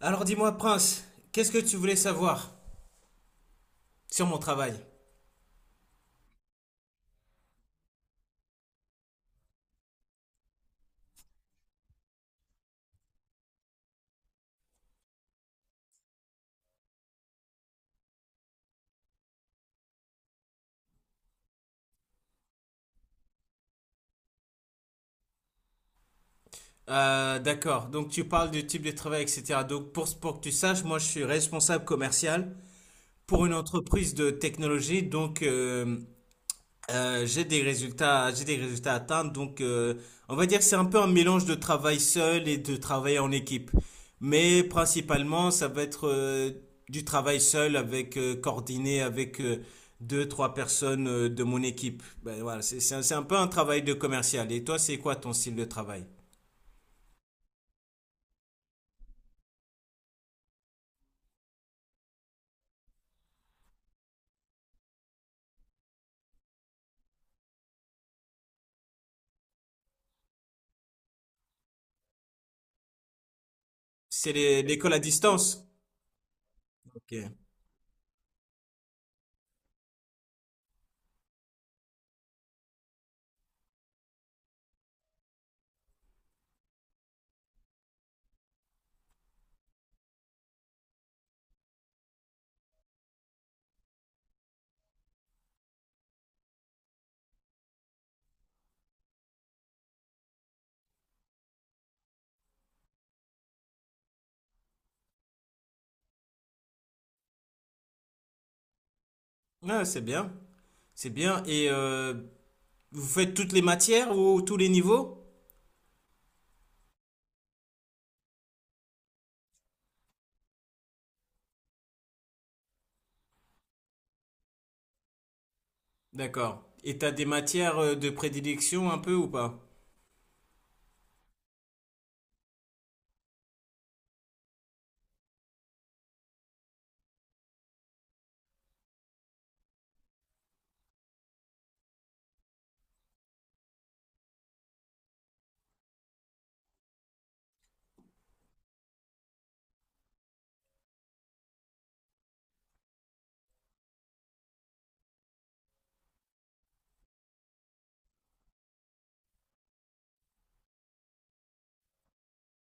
Alors dis-moi, Prince, qu'est-ce que tu voulais savoir sur mon travail? D'accord, donc tu parles du type de travail, etc. Donc pour que tu saches, moi je suis responsable commercial pour une entreprise de technologie, donc j'ai des résultats à atteindre, on va dire que c'est un peu un mélange de travail seul et de travail en équipe. Mais principalement, ça va être du travail seul avec coordonné avec deux, trois personnes de mon équipe. Ben, voilà, c'est un peu un travail de commercial. Et toi, c'est quoi ton style de travail? L'école à distance? Ok. Ah, c'est bien, c'est bien. Et vous faites toutes les matières ou tous les niveaux? D'accord. Et t'as des matières de prédilection un peu ou pas?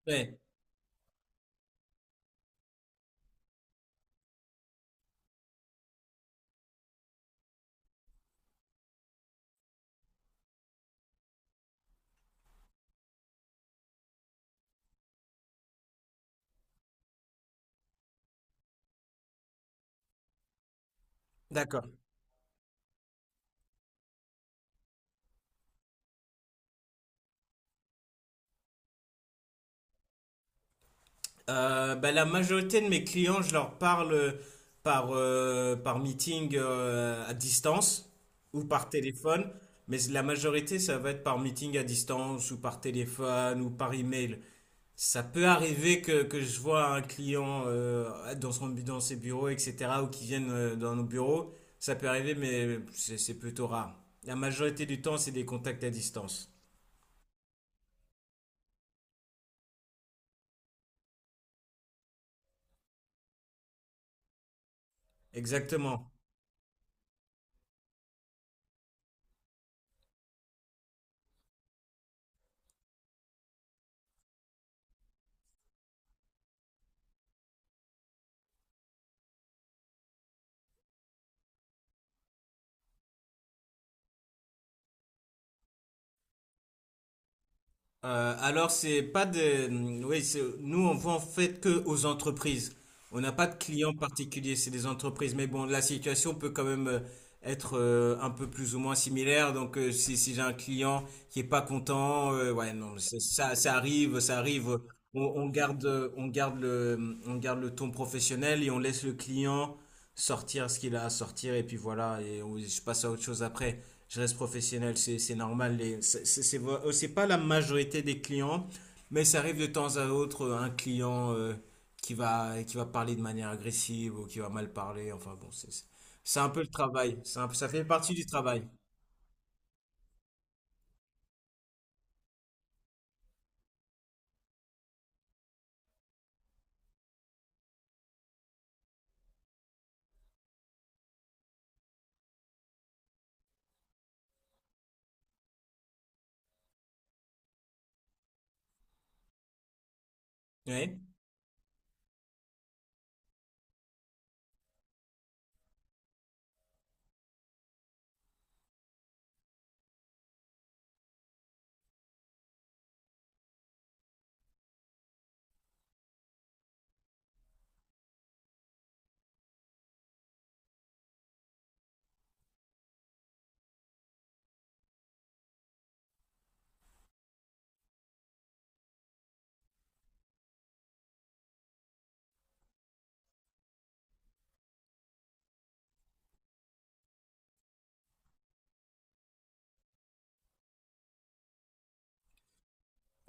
Ouais, d'accord. Bah, la majorité de mes clients, je leur parle par par meeting à distance ou par téléphone, mais la majorité, ça va être par meeting à distance ou par téléphone ou par email. Ça peut arriver que je vois un client euh, dans ses bureaux, etc., ou qui viennent dans nos bureaux. Ça peut arriver, mais c'est plutôt rare. La majorité du temps, c'est des contacts à distance. Exactement. Alors c'est pas des, oui, nous on vend en fait que aux entreprises. On n'a pas de clients particuliers, c'est des entreprises. Mais bon, la situation peut quand même être un peu plus ou moins similaire. Donc si j'ai un client qui est pas content, ouais non, ça, ça arrive, ça arrive. On garde, on garde le, on garde le ton professionnel et on laisse le client sortir ce qu'il a à sortir et puis voilà, je passe à autre chose après. Je reste professionnel, c'est normal. C'est pas la majorité des clients, mais ça arrive de temps à autre un client euh, qui va parler de manière agressive ou qui va mal parler. Enfin bon, c'est un peu le travail. Ça fait partie du travail. Ouais.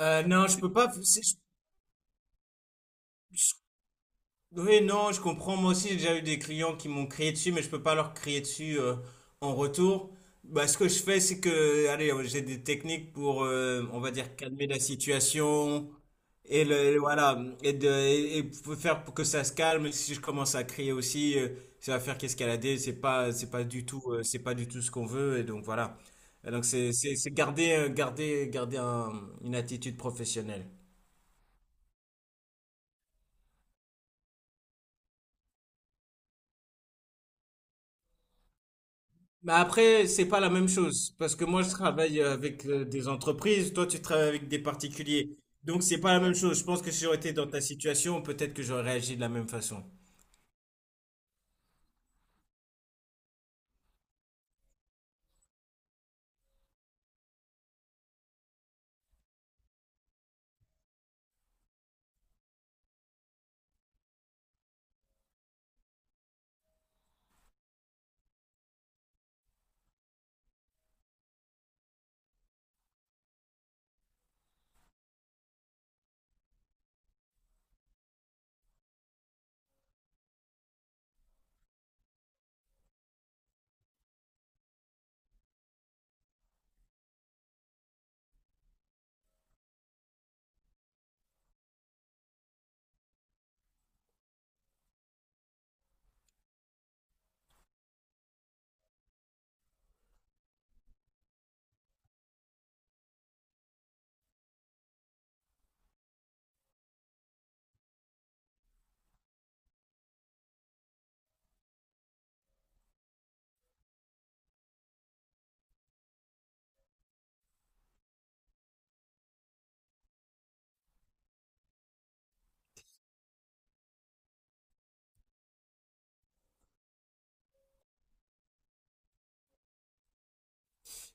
Non, je peux pas. Oui, non, je comprends. Moi aussi, j'ai déjà eu des clients qui m'ont crié dessus, mais je peux pas leur crier dessus en retour. Bah, ce que je fais, c'est que, allez, j'ai des techniques pour, on va dire, calmer la situation et voilà, et et pour faire pour que ça se calme. Si je commence à crier aussi, ça va faire qu'escalader. C'est pas du tout ce qu'on veut. Et donc voilà. Et donc c'est garder, garder une attitude professionnelle. Mais après, c'est pas la même chose parce que moi je travaille avec des entreprises, toi tu travailles avec des particuliers. Donc c'est pas la même chose. Je pense que si j'aurais été dans ta situation, peut-être que j'aurais réagi de la même façon.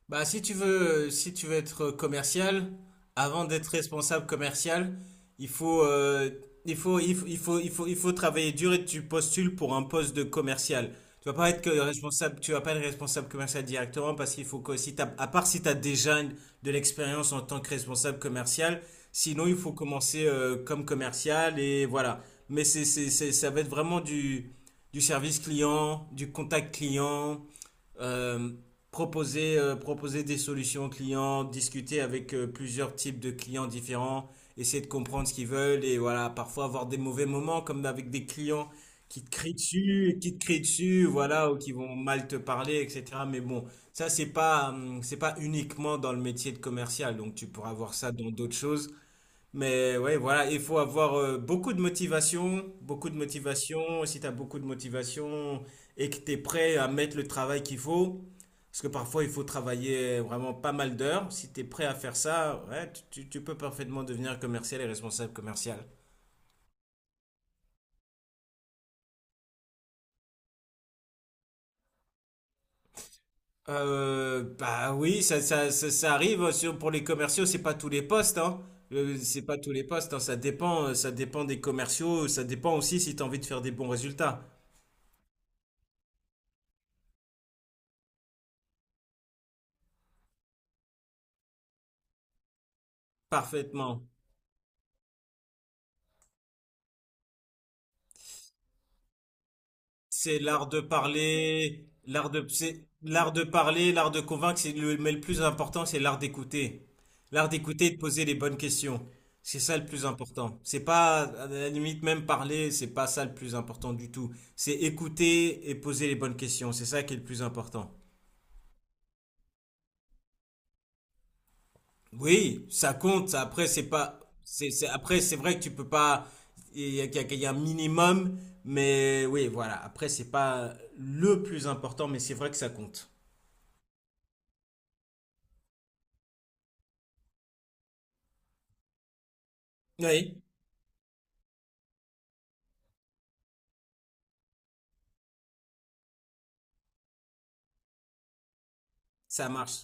Bah, si tu veux, si tu veux être commercial, avant d'être responsable commercial, il faut, il faut, il faut, il faut, il faut, il faut travailler dur et tu postules pour un poste de commercial. Tu vas pas être que responsable, tu vas pas être responsable commercial directement parce qu'il faut que si t'as, à part si tu as déjà de l'expérience en tant que responsable commercial, sinon il faut commencer comme commercial et voilà. Mais ça va être vraiment du service client, du contact client euh, euh, proposer des solutions aux clients, discuter avec plusieurs types de clients différents, essayer de comprendre ce qu'ils veulent et voilà, parfois avoir des mauvais moments comme avec des clients qui te crient dessus, qui te crient dessus, voilà, ou qui vont mal te parler, etc. Mais bon, ça, c'est pas uniquement dans le métier de commercial, donc tu pourras voir ça dans d'autres choses. Mais ouais, voilà, il faut avoir beaucoup de motivation, beaucoup de motivation. Si tu as beaucoup de motivation et que tu es prêt à mettre le travail qu'il faut, parce que parfois il faut travailler vraiment pas mal d'heures, si tu es prêt à faire ça, ouais, tu peux parfaitement devenir commercial et responsable commercial. Bah oui, ça arrive sur, pour les commerciaux, c'est pas tous les postes, hein. C'est pas tous les postes, hein. Ça dépend des commerciaux, ça dépend aussi si tu as envie de faire des bons résultats. Parfaitement. C'est l'art de parler, l'art de convaincre, mais le plus important, c'est l'art d'écouter. L'art d'écouter et de poser les bonnes questions. C'est ça le plus important. C'est pas, à la limite, même parler, c'est pas ça le plus important du tout. C'est écouter et poser les bonnes questions. C'est ça qui est le plus important. Oui, ça compte. Ça, Après, c'est pas, c'est- Après, c'est vrai que tu peux pas, il y a un minimum, mais oui, voilà. Après, c'est pas le plus important, mais c'est vrai que ça compte. Oui. Ça marche.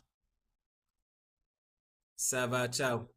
Ça va, ciao.